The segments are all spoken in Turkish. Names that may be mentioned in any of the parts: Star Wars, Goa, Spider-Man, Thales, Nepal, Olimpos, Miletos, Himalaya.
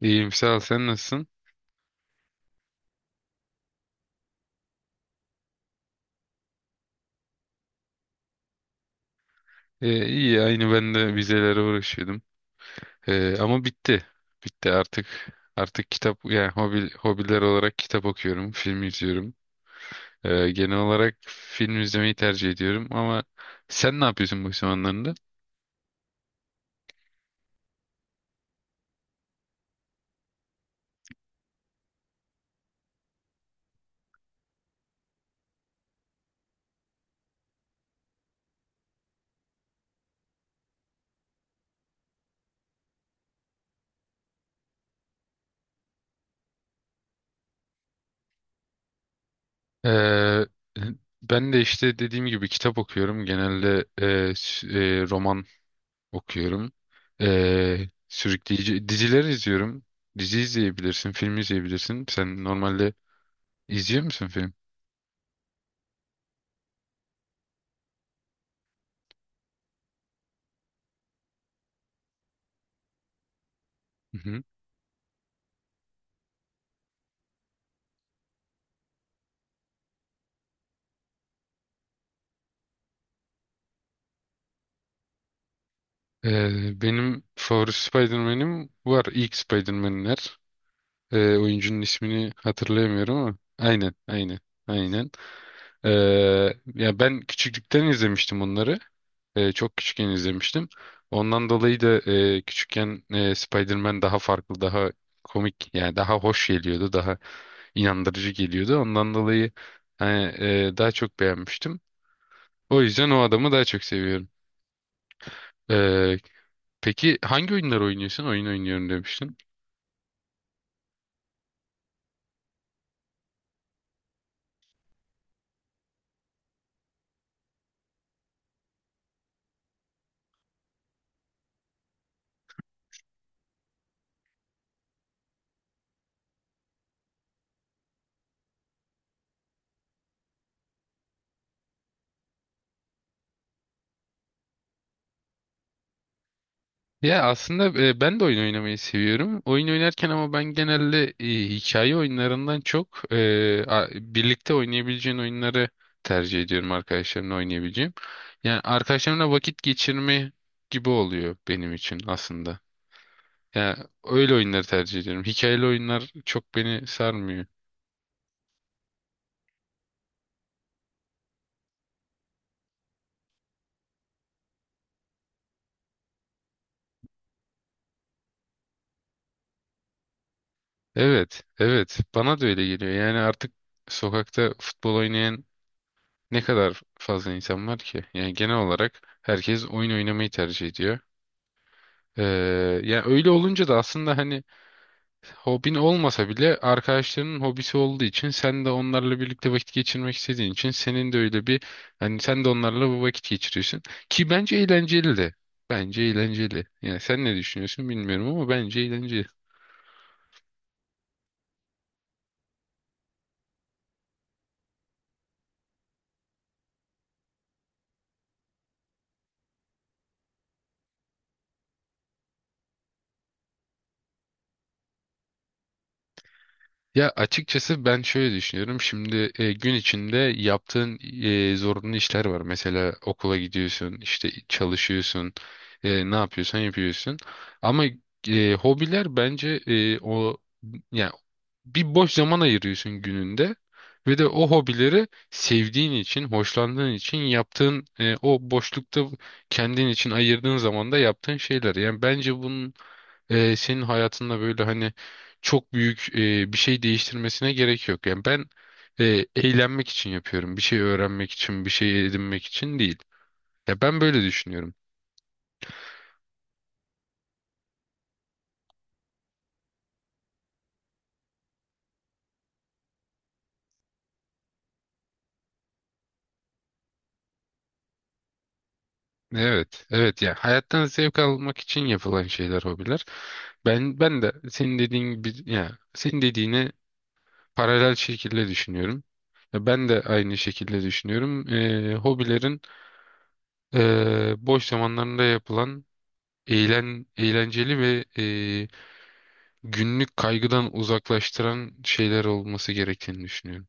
İyiyim sağ ol, sen nasılsın? İyi aynı, ben de vizelere uğraşıyordum. Ama bitti. Bitti artık. Artık kitap, yani hobiler olarak kitap okuyorum, film izliyorum. Genel olarak film izlemeyi tercih ediyorum ama sen ne yapıyorsun bu zamanlarında? Ee, Ben de işte dediğim gibi kitap okuyorum. Genelde roman okuyorum. Sürükleyici diziler izliyorum. Dizi izleyebilirsin, film izleyebilirsin. Sen normalde izliyor musun film? Hı hı. Benim favori Spider-Man'im var. İlk Spider-Man'ler. Oyuncunun ismini hatırlayamıyorum ama. Aynen, aynen, aynen. Ee, Ya ben küçüklükten izlemiştim onları. Çok küçükken izlemiştim. Ondan dolayı da küçükken Spider-Man daha farklı, daha komik, yani daha hoş geliyordu, daha inandırıcı geliyordu. Ondan dolayı hani, daha çok beğenmiştim. O yüzden o adamı daha çok seviyorum. Ee, Peki hangi oyunlar oynuyorsun? Oyun oynuyorum demiştin. Ya aslında ben de oyun oynamayı seviyorum. Oyun oynarken ama ben genelde hikaye oyunlarından çok birlikte oynayabileceğin oyunları tercih ediyorum, arkadaşlarımla oynayabileceğim. Yani arkadaşlarımla vakit geçirme gibi oluyor benim için aslında. Yani öyle oyunları tercih ediyorum. Hikayeli oyunlar çok beni sarmıyor. Evet, evet. Bana da öyle geliyor. Yani artık sokakta futbol oynayan ne kadar fazla insan var ki? Yani genel olarak herkes oyun oynamayı tercih ediyor. Ee, Yani öyle olunca da aslında hani, hobin olmasa bile arkadaşlarının hobisi olduğu için sen de onlarla birlikte vakit geçirmek istediğin için, senin de öyle bir, hani sen de onlarla bu vakit geçiriyorsun ki bence eğlenceli de. Bence eğlenceli. Yani sen ne düşünüyorsun bilmiyorum ama bence eğlenceli. Ya açıkçası ben şöyle düşünüyorum. Şimdi gün içinde yaptığın zorunlu işler var. Mesela okula gidiyorsun, işte çalışıyorsun, ne yapıyorsan yapıyorsun. Ama hobiler bence, o yani bir boş zaman ayırıyorsun gününde ve de o hobileri sevdiğin için, hoşlandığın için yaptığın, o boşlukta kendin için ayırdığın zaman da yaptığın şeyler. Yani bence bunun senin hayatında böyle hani çok büyük bir şey değiştirmesine gerek yok. Yani ben eğlenmek için yapıyorum. Bir şey öğrenmek için, bir şey edinmek için değil. Ya ben böyle düşünüyorum. Evet, evet, ya hayattan zevk almak için yapılan şeyler hobiler. Ben de senin dediğin gibi, ya senin dediğini paralel şekilde düşünüyorum. Ya ben de aynı şekilde düşünüyorum. Hobilerin boş zamanlarında yapılan eğlenceli ve günlük kaygıdan uzaklaştıran şeyler olması gerektiğini düşünüyorum.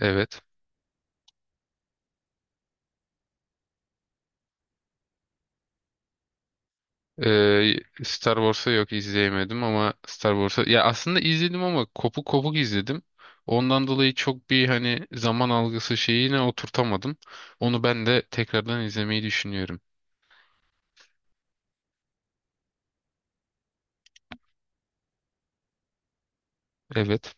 Evet. Star Wars'a yok, izleyemedim, ama Star Wars'a ya aslında izledim ama kopuk kopuk izledim. Ondan dolayı çok bir hani zaman algısı şeyine oturtamadım. Onu ben de tekrardan izlemeyi düşünüyorum. Evet.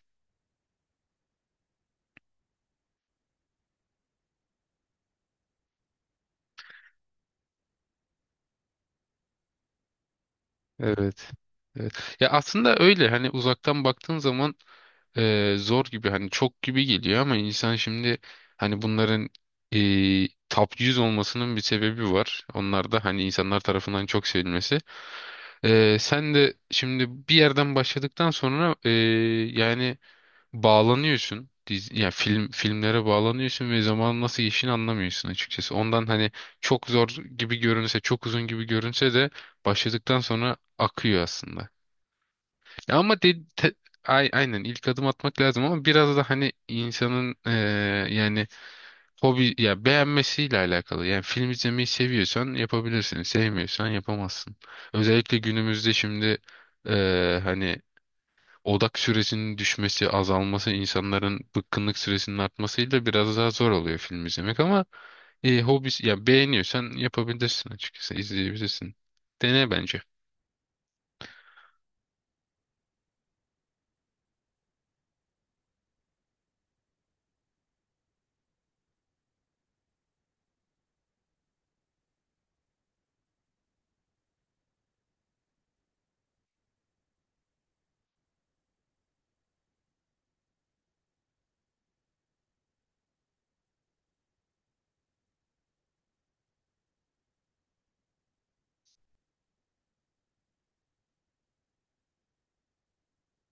Evet. Evet. Ya aslında öyle hani uzaktan baktığın zaman zor gibi, hani çok gibi geliyor, ama insan şimdi hani bunların top 100 olmasının bir sebebi var. Onlar da hani insanlar tarafından çok sevilmesi. Sen de şimdi bir yerden başladıktan sonra, yani bağlanıyorsun. Dizi, yani filmlere bağlanıyorsun ve zaman nasıl geçtiğini anlamıyorsun açıkçası. Ondan hani çok zor gibi görünse, çok uzun gibi görünse de başladıktan sonra akıyor aslında. Ya Ama de, te- ay- aynen ilk adım atmak lazım, ama biraz da hani insanın, yani hobi ya beğenmesiyle alakalı. Yani film izlemeyi seviyorsan yapabilirsin, sevmiyorsan yapamazsın. Özellikle günümüzde şimdi hani odak süresinin düşmesi, azalması, insanların bıkkınlık süresinin artmasıyla biraz daha zor oluyor film izlemek, ama hobisi ya beğeniyorsan yapabilirsin, açıkçası izleyebilirsin. Dene bence.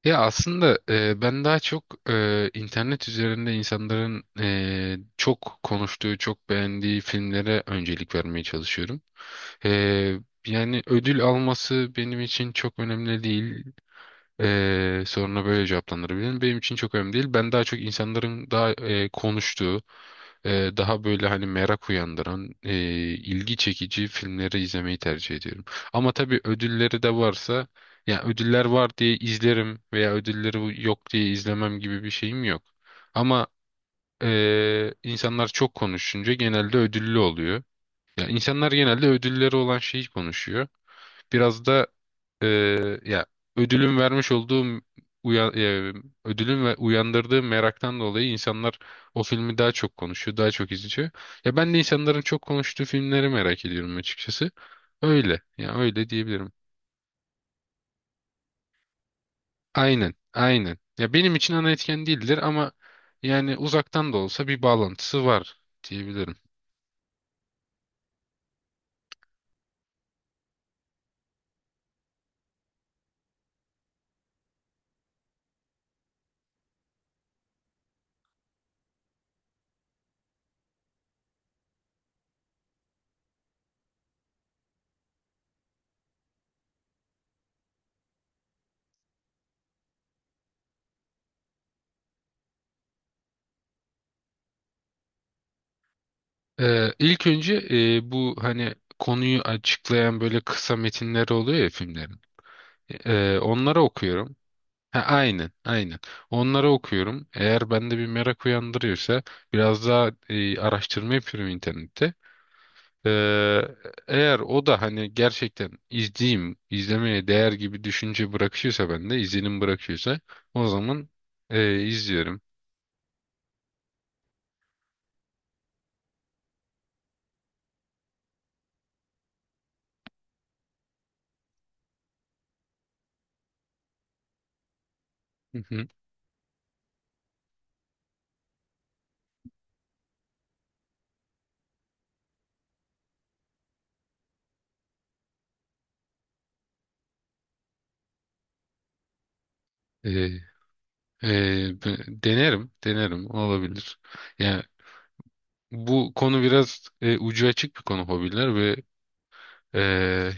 Ya aslında ben daha çok internet üzerinde insanların çok konuştuğu, çok beğendiği filmlere öncelik vermeye çalışıyorum. E, Yani ödül alması benim için çok önemli değil. Soruna böyle cevaplandırabilirim. Benim için çok önemli değil. Ben daha çok insanların daha konuştuğu, daha böyle hani merak uyandıran, ilgi çekici filmleri izlemeyi tercih ediyorum. Ama tabii ödülleri de varsa, ya ödüller var diye izlerim veya ödülleri yok diye izlemem gibi bir şeyim yok. Ama insanlar çok konuşunca genelde ödüllü oluyor. Ya insanlar genelde ödülleri olan şeyi konuşuyor. Biraz da e, ya ödülün vermiş olduğum uya, e, ödülün ve uyandırdığı meraktan dolayı insanlar o filmi daha çok konuşuyor, daha çok izliyor. Ya ben de insanların çok konuştuğu filmleri merak ediyorum açıkçası. Öyle. Ya öyle diyebilirim. Aynen, aynen. Ya benim için ana etken değildir, ama yani uzaktan da olsa bir bağlantısı var diyebilirim. İlk önce bu hani konuyu açıklayan böyle kısa metinler oluyor ya filmlerin. Onları okuyorum. Ha, aynen, aynen. Onları okuyorum. Eğer bende bir merak uyandırıyorsa biraz daha araştırma yapıyorum internette. Ee, Eğer o da hani gerçekten izleyeyim, izlemeye değer gibi düşünce bırakıyorsa bende, izlenim bırakıyorsa, o zaman izliyorum. Hı hı. E, Denerim, denerim olabilir. Yani bu konu biraz ucu açık bir konu, hobiler ve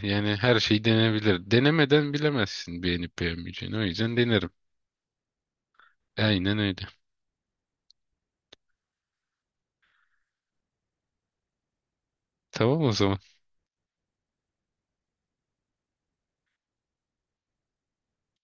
yani her şey denebilir. Denemeden bilemezsin beğenip beğenmeyeceğini. O yüzden denerim. Aynen öyle. Tamam o zaman.